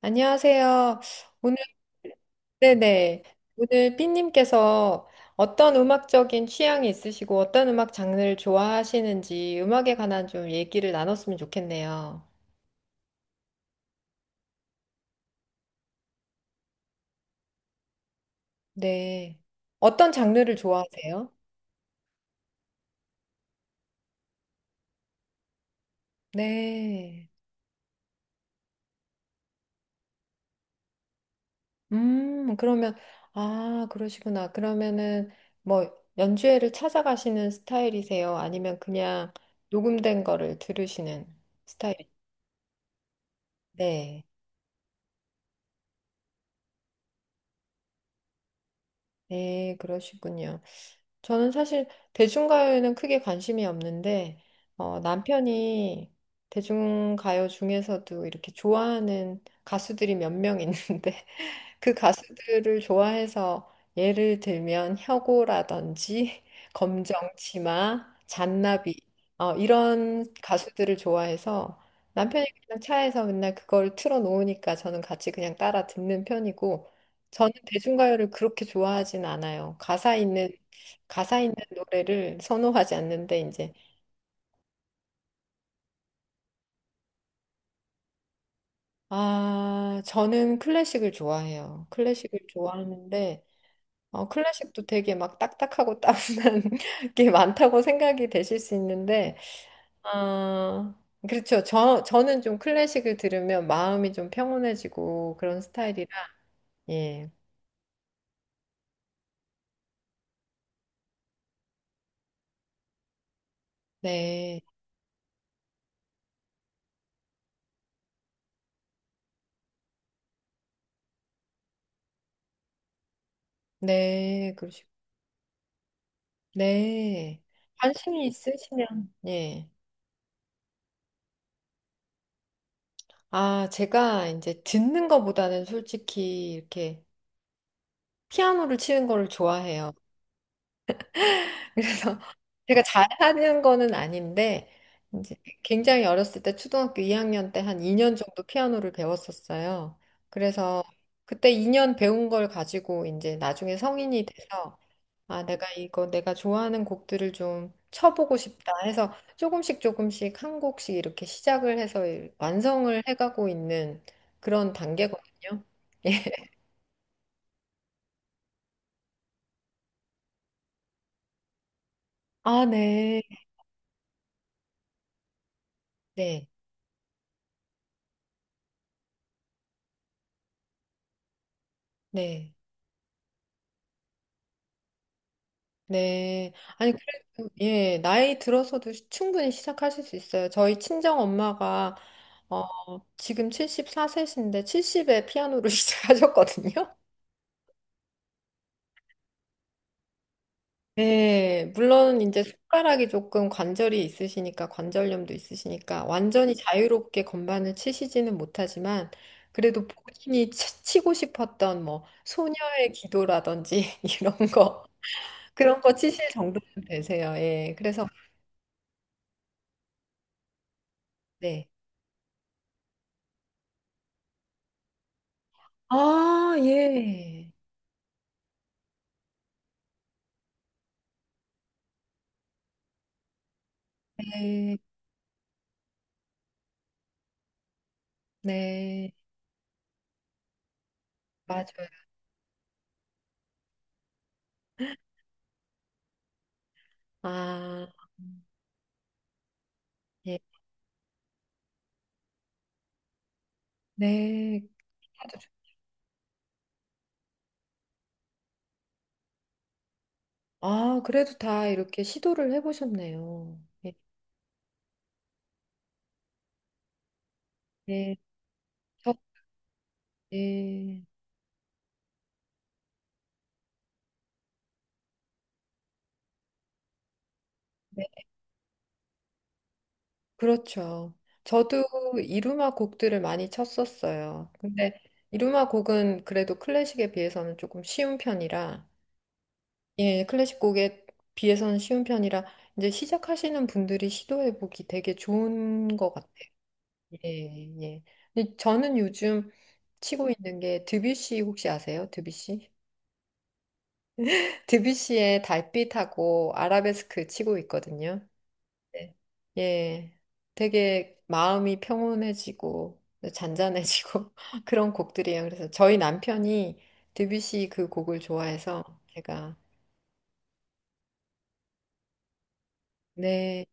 안녕하세요. 오늘, 네네. 오늘 삐님께서 어떤 음악적인 취향이 있으시고 어떤 음악 장르를 좋아하시는지 음악에 관한 좀 얘기를 나눴으면 좋겠네요. 네. 어떤 장르를 좋아하세요? 네. 그러면, 아, 그러시구나. 그러면은 뭐 연주회를 찾아가시는 스타일이세요? 아니면 그냥 녹음된 거를 들으시는 스타일? 네. 네, 그러시군요. 저는 사실 대중가요에는 크게 관심이 없는데, 남편이 대중가요 중에서도 이렇게 좋아하는 가수들이 몇 명 있는데, 그 가수들을 좋아해서 예를 들면 혁오라든지 검정치마, 잔나비 이런 가수들을 좋아해서 남편이 그냥 차에서 맨날 그걸 틀어놓으니까 저는 같이 그냥 따라 듣는 편이고 저는 대중가요를 그렇게 좋아하진 않아요. 가사 있는 노래를 선호하지 않는데 이제 아 저는 클래식을 좋아해요. 클래식을 좋아하는데 클래식도 되게 막 딱딱하고 따분한 게 많다고 생각이 되실 수 있는데, 아, 그렇죠. 저는 좀 클래식을 들으면 마음이 좀 평온해지고 그런 스타일이라, 예. 네, 네, 그러시고, 네. 관심이 있으시면, 예. 아, 제가 이제 듣는 것보다는 솔직히 이렇게 피아노를 치는 거를 좋아해요. 그래서 제가 잘하는 거는 아닌데 이제 굉장히 어렸을 때 초등학교 2학년 때 한 2년 정도 피아노를 배웠었어요. 그래서 그때 2년 배운 걸 가지고 이제 나중에 성인이 돼서 아, 내가 이거 내가 좋아하는 곡들을 좀 쳐보고 싶다 해서 조금씩 조금씩 한 곡씩 이렇게 시작을 해서 완성을 해가고 있는 그런 단계거든요. 아, 네. 네. 네. 네. 아니, 그래도, 예, 나이 들어서도 충분히 시작하실 수 있어요. 저희 친정 엄마가, 어, 지금 74세신데 70에 피아노를 시작하셨거든요. 네, 물론 이제 손가락이 조금 관절이 있으시니까, 관절염도 있으시니까, 완전히 자유롭게 건반을 치시지는 못하지만, 그래도 본인이 치고 싶었던 뭐, 소녀의 기도라든지, 이런 거, 그런 거 치실 정도는 되세요. 예, 그래서, 네. 아, 예. 네, 네, 맞아요. 아, 예, 네. 아주 좋- 아, 그래도 다 이렇게 시도를 해보셨네요. 예, 예, 저, 예, 네, 그렇죠. 저도 이루마 곡들을 많이 쳤었어요. 근데 이루마 곡은 그래도 클래식에 비해서는 조금 쉬운 편이라, 예, 클래식 곡에 비해서는 쉬운 편이라, 이제 시작하시는 분들이 시도해보기 되게 좋은 것 같아요. 예, 예. 근데 저는 요즘 치고 있는 게 드뷔시 혹시 아세요? 드뷔시? 드뷔시의 달빛하고 아라베스크 치고 있거든요. 네. 예. 되게 마음이 평온해지고 잔잔해지고 그런 곡들이에요. 그래서 저희 남편이 드뷔시 그 곡을 좋아해서 제가 네,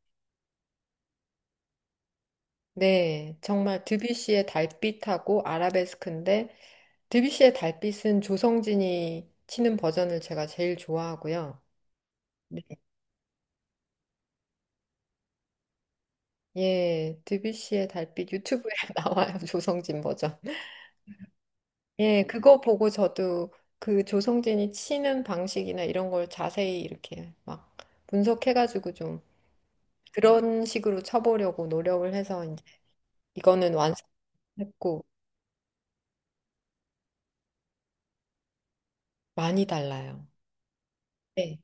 네. 정말 드뷔시의 달빛하고 아라베스크인데 드뷔시의 달빛은 조성진이 치는 버전을 제가 제일 좋아하고요. 네. 예, 드뷔시의 달빛 유튜브에 나와요. 조성진 버전. 예, 그거 보고 저도 그 조성진이 치는 방식이나 이런 걸 자세히 이렇게 막 분석해가지고 좀 그런 식으로 쳐보려고 노력을 해서 이제 이거는 완성했고 많이 달라요. 네.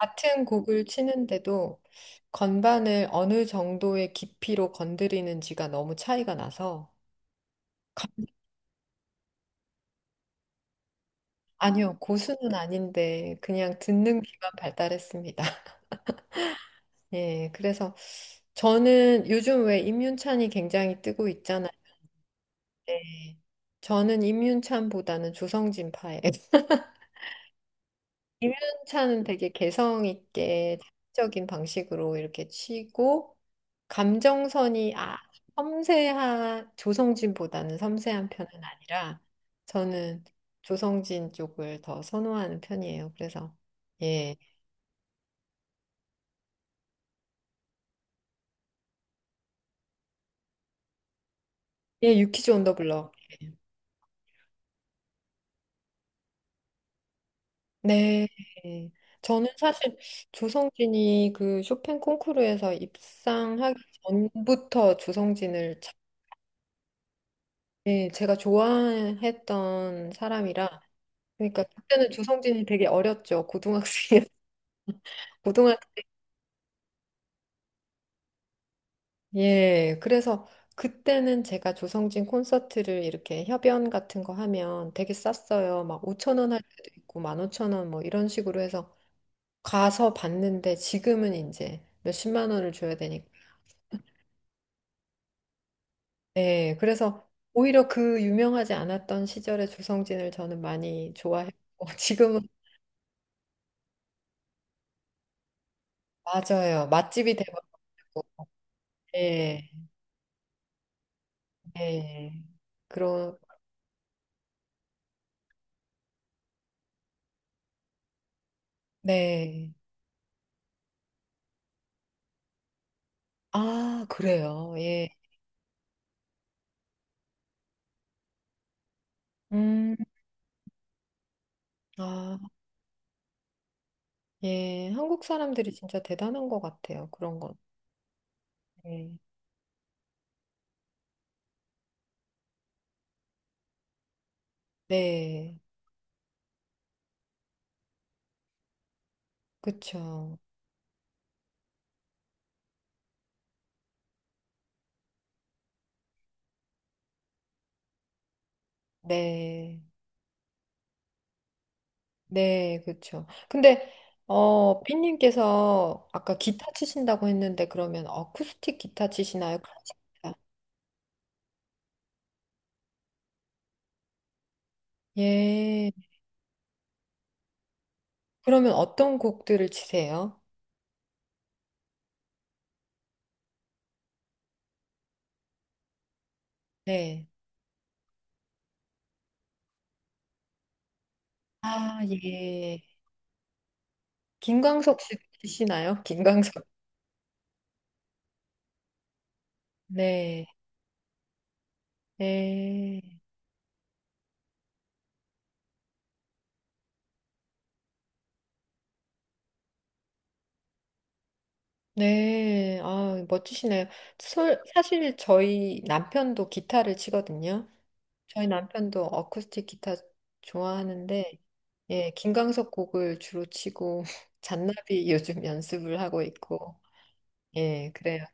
같은 곡을 치는데도 건반을 어느 정도의 깊이로 건드리는지가 너무 차이가 나서 아니요, 고수는 아닌데 그냥 듣는 귀만 발달했습니다. 예, 그래서 저는 요즘 왜 임윤찬이 굉장히 뜨고 있잖아요. 네. 저는 임윤찬보다는 조성진파예요. 임윤찬은 되게 개성 있게 자극적인 방식으로 이렇게 치고 감정선이 섬세한 조성진보다는 섬세한 편은 아니라 저는 조성진 쪽을 더 선호하는 편이에요. 그래서 예, 예, 유키즈 온더 블럭 네. 저는 사실 조성진이 그 쇼팽 콩쿠르에서 입상하기 전부터 네, 제가 좋아했던 사람이라 그러니까 그때는 조성진이 되게 어렸죠. 고등학생이 고등학교 예. 그래서 그때는 제가 조성진 콘서트를 이렇게 협연 같은 거 하면 되게 쌌어요. 막 5천 원 할 때도 있고 15,000원 뭐 이런 식으로 해서 가서 봤는데 지금은 이제 몇십만 원을 줘야 되니까 네, 그래서 오히려 그 유명하지 않았던 시절의 조성진을 저는 많이 좋아했고 지금은 맞아요. 맛집이 돼버리고. 예. 예. 그런 네. 아, 그래요. 예. 음. 아, 예. 한국 사람들이 진짜 대단한 것 같아요. 그런 건. 예. 네. 그쵸. 네. 네, 그렇죠. 근데 삐님께서 아까 기타 치신다고 했는데 그러면 어쿠스틱 기타 치시나요? 클래식 기타? 예. 그러면 어떤 곡들을 치세요? 네. 아, 예. 김광석 씨 치시나요? 김광석. 네. 네. 네. 아, 멋지시네요. 사실 저희 남편도 기타를 치거든요. 저희 남편도 어쿠스틱 기타 좋아하는데, 예, 김광석 곡을 주로 치고, 잔나비 요즘 연습을 하고 있고, 예, 그래요.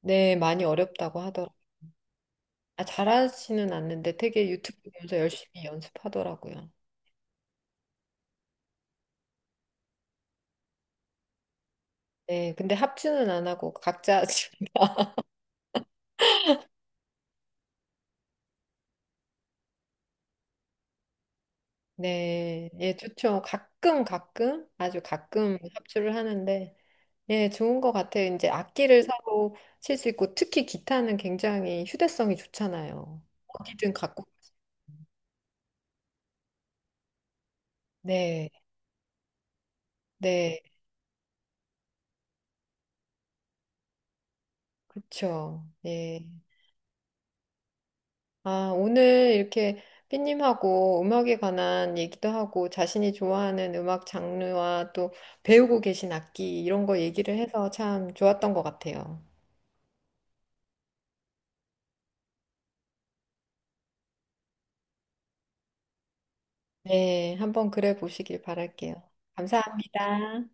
네, 많이 어렵다고 하더라고요. 아, 잘하지는 않는데 되게 유튜브 보면서 열심히 연습하더라고요. 네, 근데 합주는 안 하고 각자 하니까. 네, 예, 좋죠. 가끔 가끔 아주 가끔 합주를 하는데 예, 좋은 것 같아요. 이제 악기를 사고 칠 수 있고 특히 기타는 굉장히 휴대성이 좋잖아요. 어디든 갖고. 네, 네, 그렇죠. 예. 아, 오늘 이렇게 삐님하고 음악에 관한 얘기도 하고 자신이 좋아하는 음악 장르와 또 배우고 계신 악기 이런 거 얘기를 해서 참 좋았던 것 같아요. 네, 한번 그래 보시길 바랄게요. 감사합니다.